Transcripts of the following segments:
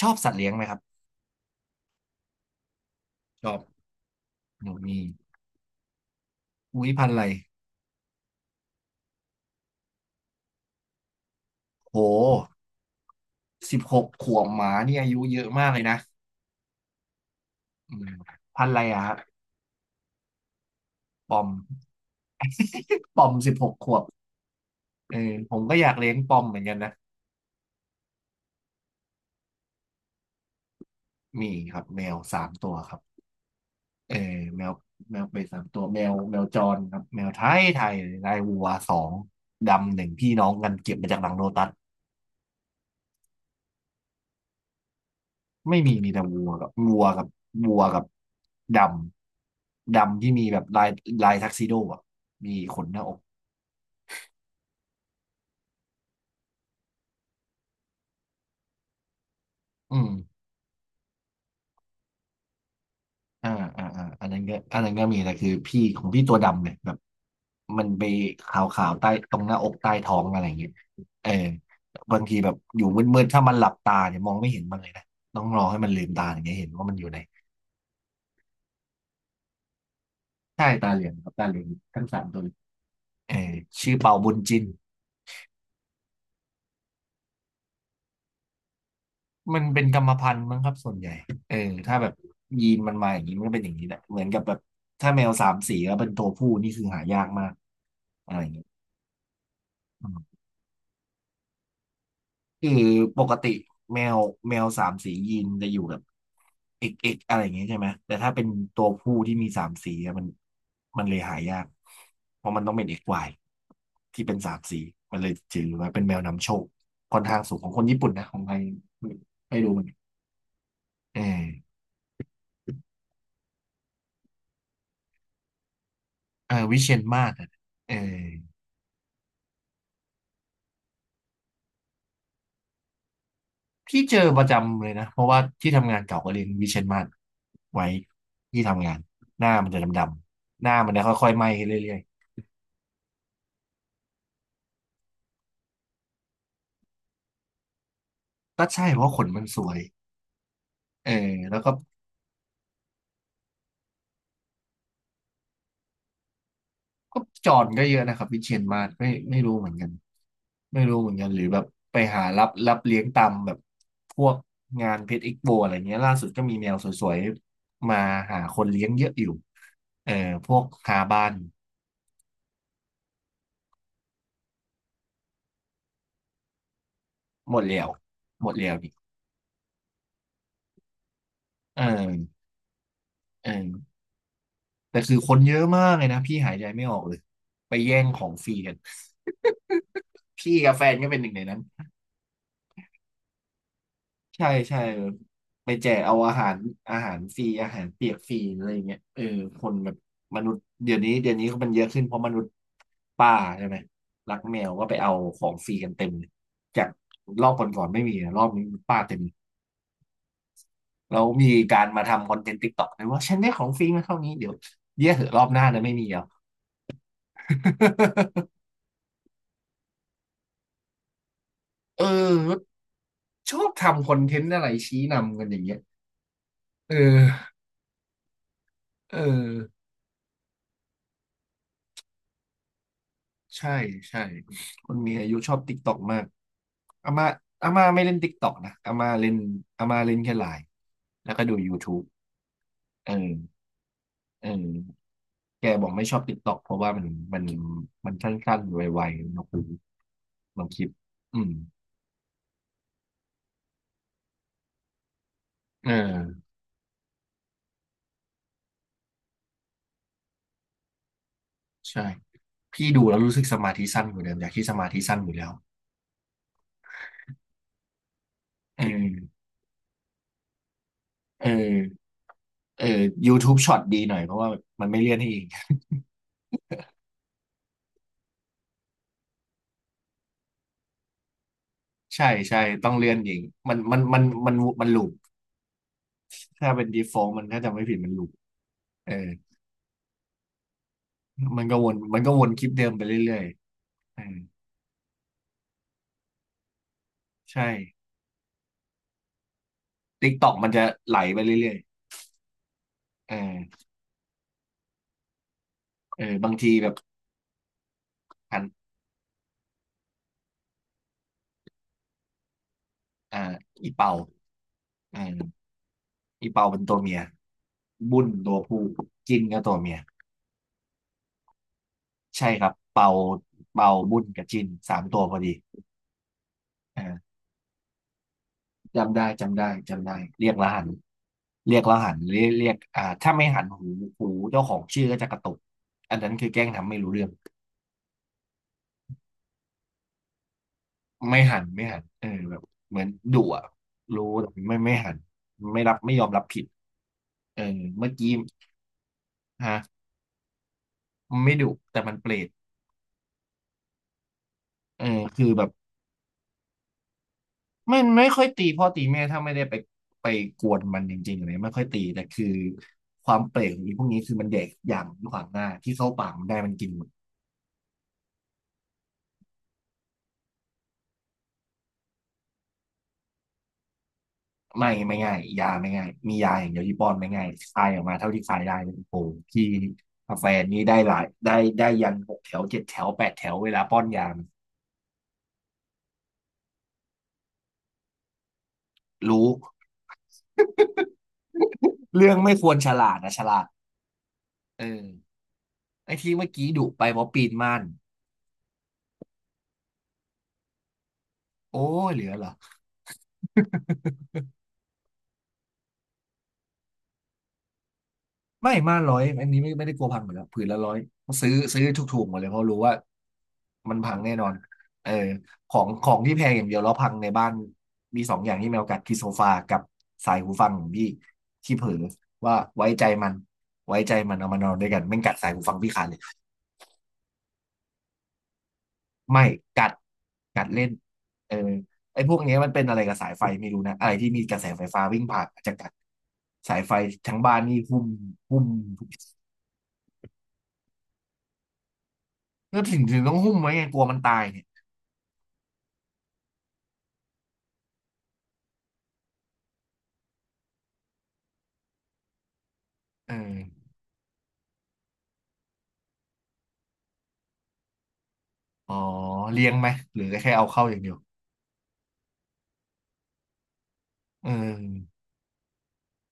ชอบสัตว์เลี้ยงไหมครับชอบหนูมีอุ้ยพันธุ์อะไรโหสิบหกขวบหมานี่อายุเยอะมากเลยนะอืมพันธุ์อะไรอะครับปอม ปอมสิบหกขวบเออผมก็อยากเลี้ยงปอมเหมือนกันนะมีครับแมวสามตัวครับเออแมวแมวไปสามตัวแมวจรครับแมวไทยไทยลายวัวสองดำหนึ่งพี่น้องกันเก็บมาจากหลังโลตัส ไม่มีมีแต่วัวกับวัวกับดำดำที่มีแบบลายลายทักซิโดอ่ะมีขนหน้าอกอืมอ่าอ่าอันนั้นก็มีแต่คือพี่ของพี่ตัวดำเนี่ยแบบมันไปขาวๆใต้ตรงหน้าอกใต้ท้องอะไรอย่างเงี้ยเออบางทีแบบอยู่มืดๆถ้ามันหลับตาเนี่ยมองไม่เห็นมันเลยนะต้องรอให้มันลืมตาอย่างเงี้ยเห็นว่ามันอยู่ไหนใช่ตาเหลืองครับตาเหลืองทั้งสามตัวเลยเออชื่อเปาบุญจิน มันเป็นกรรมพันธุ์มั้งครับส่วนใหญ่เออถ้าแบบยีนมันมาอย่างนี้มันก็เป็นอย่างนี้แหละเหมือนกับแบบถ้าแมวสามสีแล้วเป็นตัวผู้นี่คือหายากมากอะไรอย่างเงี้ยอืมคือปกติแมวแมวสามสียีนจะอยู่แบบเอกอะไรอย่างเงี้ยใช่ไหมแต่ถ้าเป็นตัวผู้ที่มีสามสีอะมันเลยหายากเพราะมันต้องเป็นเอกวายที่เป็นสามสีมันเลยถือว่าเป็นแมวนำโชคค่อนข้างสูงของคนญี่ปุ่นนะของไทยไม่รู้เหมือนกันเออเออวิเชียรมาศอะเออ พี่เจอประจำเลยนะเพราะว่าที่ทำงานเก่าก็เลี้ยงวิเชียรมาศไว้ที่ทำงานหน้ามันจะดำๆหน้ามันจะค่อยๆไหม้ขึ้นเรื่อยๆก็ใช่เพราะขนมันสวยเออแล้วก็ก็จอนก็เยอะนะครับวิเชียรมาศไม่รู้เหมือนกันไม่รู้เหมือนกันหรือแบบไปหารับเลี้ยงตามแบบพวกงานเพชรอีกโบอะไรเงี้ยล่าสุดก็มีแมวสวยๆมาหาคนเลี้ยงเยอะอยู่เออพวกคาบ้านหมดแล้วหมดแล้วนี่เออเออ แต่คือคนเยอะมากเลยนะพี่หายใจไม่ออกเลยไปแย่งของฟรีกันพี่กับแฟนก็เป็นหนึ่งในนั้นใช่ใช่ไปแจกเอาอาหารอาหารฟรีอาหารเปียกฟรีอะไรอย่างเงี้ยเออคนแบบมนุษย์เดี๋ยวนี้เขามันเยอะขึ้นเพราะมนุษย์ป้าใช่ไหมรักแมวก็ไปเอาของฟรีกันเต็มเลยจากรอบก่อนๆไม่มีนะรอบนี้ป้าเต็มแล้วมีการมาทำคอนเทนต์ติ๊กต็อกเลยว่าฉันได้ของฟรีมาเท่านี้เดี๋ยวเยี่ยเหอะรอบหน้านะไม่มีแล้ว เออชอบทำคอนเทนต์อะไรชี้นำกันอย่างเงี้ยเออเออใช่ใช่คนมีอายุชอบติ๊กต็อกมากอาม่าไม่เล่นติ๊กต็อกนะอาม่าเล่นแค่ไลน์แล้วก็ดู YouTube เออเออแกบอกไม่ชอบติ๊กต็อกเพราะว่ามันมันสั้นๆไวๆนะคุณลองคลิปอืมเออใช่พี่ดูแล้วรู้สึกสมาธิสั้นอยู่เดิมอยากที่สมาธิสั้นอยู่แล้วเออเออ เออ YouTube ช็อตดีหน่อยเพราะว่ามันไม่เลื่อนให้เอง ใช่ใช่ต้องเลื่อนเองมันมันลูปถ้าเป็น default มันถ้าจำไม่ผิดมันลูปเออมันก็วนคลิปเดิมไปเรื่อยๆเออใช่ TikTok มันจะไหลไปเรื่อยๆเออเออบางทีแบบอันอ่าอีเป่าเอออีเปาเป็นตัวเมียบุ้นตัวผู้จิ้นก็ตัวเมียใช่ครับเปาเป่าบุ้นกับจิ้นสามตัวพอดีเออ จำได้จำได้จำได้เรียกแล้วหันเรียกแล้วหันเรียกอ่าถ้าไม่หันหูเจ้าของชื่อก็จะกระตุกอันนั้นคือแกล้งทำไม่รู้เรื่องไม่หันไม่หันเออแบบเหมือนดุอ่ะรู้แต่ไม่หันไม่รับไม่ยอมรับผิดเออเมื่อกี้ฮะมันไม่ดุแต่มันเปรตเออคือแบบไม่ค่อยตีพ่อตีแม่ถ้าไม่ได้ไปกวนมันจริงๆอะไรไม่ค่อยตีแต่คือความเปรตของไอพวกนี้คือมันแดกอย่างขวางหน้าที่เข้าปากมันได้มันกินหมด ไม่ง่ายมียาอย่างเดียวที่ป้อนไม่ง่ายคายออกมาเท่าที่คายได้เลยโอ้โหที่กาแฟนี้ได้หลายได้ได้ยันหกแถวเจ็ดแถวแปดแถวเวลาป้อนยามันรู้เรื่องไม่ควรฉลาดนะฉลาดเออไอ้ที่เมื่อกี้ดุไปเพราะปีนม่านโอ้ยเหลือเหรอ ไม่มาร้อยอันนี้ไม่ไม่ได้กลัวพังหมดแล้วผืนละร้อยซื้อถูกๆหมดเลยเพราะรู้ว่ามันพังแน่นอนเออของที่แพงอย่างเดียวแล้วพังในบ้านมีสองอย่างที่แมวกัดคือโซฟากับสายหูฟังของพี่ที่เผลอว่าไว้ใจมันไว้ใจมันเอามานอนด้วยกันแม่งกัดสายหูฟังพี่ขาดเลยไม่กัดกัดเล่นเออไอ้พวกเนี้ยมันเป็นอะไรกับสายไฟไม่รู้นะอะไรที่มีกระแสไฟฟ้าวิ่งผ่านอาจจะกัดสายไฟทั้งบ้านนี่หุ้มหุ้มทุกก็ถึงต้องหุ้มไว้ไงกลัวมันตายเนี่ย เอออ๋อเลี้ยงไหมหรือแค่เอาเข้าอย่างเดียวเออ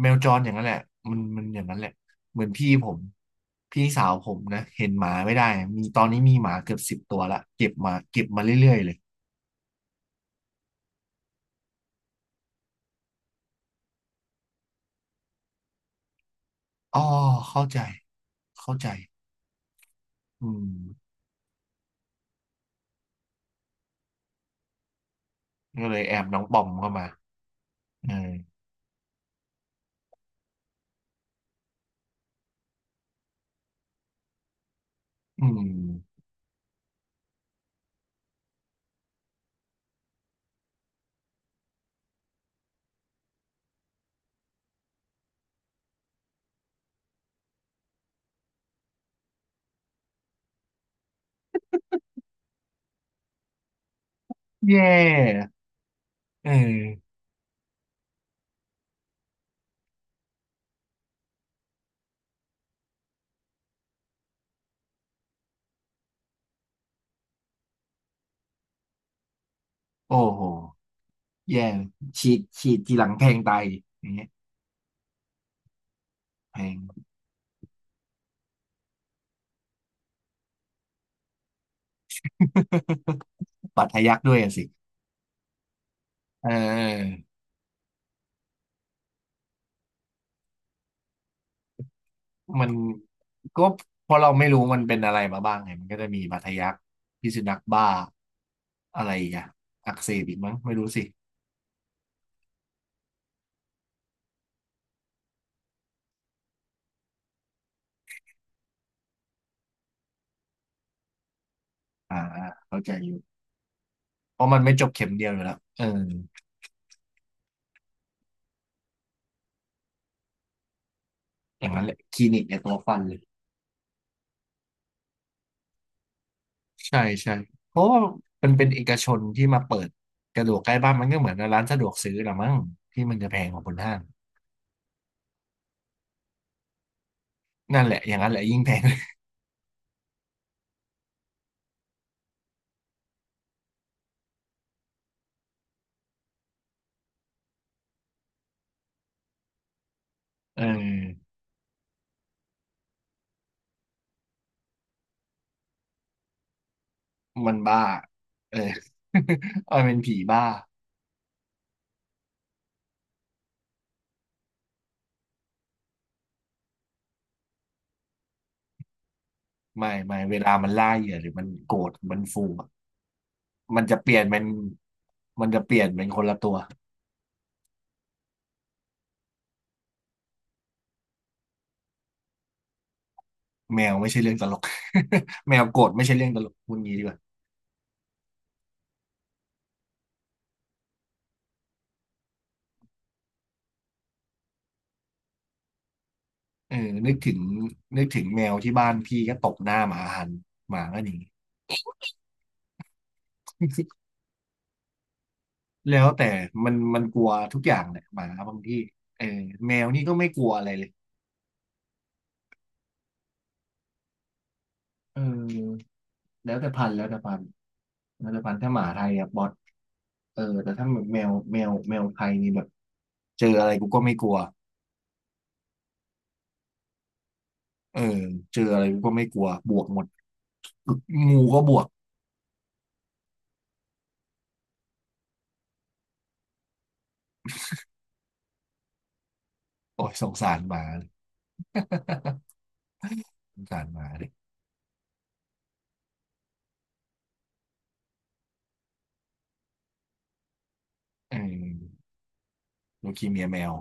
แมวจรอย่างนั้นแหละมันอย่างนั้นแหละเหมือนพี่สาวผมนะเห็นหมาไม่ได้มีตอนนี้มีหมาเกือบสิบตัวละเก็บมาเก็บมาเรื่อยๆเลยอ๋อเข้าใจเข้าใจอืมก็เลยแอบน้องปอมเข้ามาเอออืมแย่เออโอ้โหแย่ฉีดทีหลังแพงตายอย่างเงี้ยแพง บัตรทะยักด้วยอะสิเออ มันก็เพราะเราไม่รู้มันเป็นอะไรมาบ้างไงมันก็จะมีบาดทะยักพิษสุนัขบ้าอะไรอีกอ่ะอักเสบอีกมั้งไม่รู้สิอ่าอ่าเข้าใจอยู่เพราะมันไม่จบเข็มเดียวอยู่แล้วเอออย่างนั้นแหละคลินิกเนี่ยตัวฟันเลยใช่ใช่เพราะว่ามันเป็นเอกชนที่มาเปิดกระดูกใกล้บ้านมันก็เหมือนร้านสะดวกซื้อละมั้งที่มันจะแพงกว่าบนห้างนั่นแหละอย่างนั้นแหละยิ่งแพง เออมันบ้าเออ เอาเป็นผีบ้า ไม่ไม่เวลามันล่าเหยื่อหรือมันโกรธมันฟูอะมันจะเปลี่ยนเป็นมันจะเปลี่ยนเป็นคนละตัวแมวไม่ใช่เรื่องตลก แมวโกรธไม่ใช่เรื่องตลกพูดงี้ดีกว่าเออนึกถึงนึกถึงแมวที่บ้านพี่ก็ตบหน้าหมาหันหมาก็หนี แล้วแต่มันกลัวทุกอย่างแหละหมาบางที่เออแมวนี่ก็ไม่กลัวอะไรเลยเออแล้วแต่พันธุ์แล้วแต่พันธุ์แล้วแต่พันธุ์ถ้าหมาไทยอะบอทเออแต่ถ้าแมวไทยนี่แบบเจออะไรกูก็ไม่กลัว เออเจออะไรก็ไม่กลัวบวกหมดงูก็บวกโอ้ยสงสารหมา สงสารหมาดิเออลูคีเมียแมว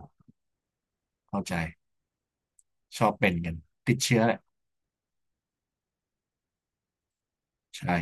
เข้าใจชอบเป็นกันติดเชื้อแหละใช่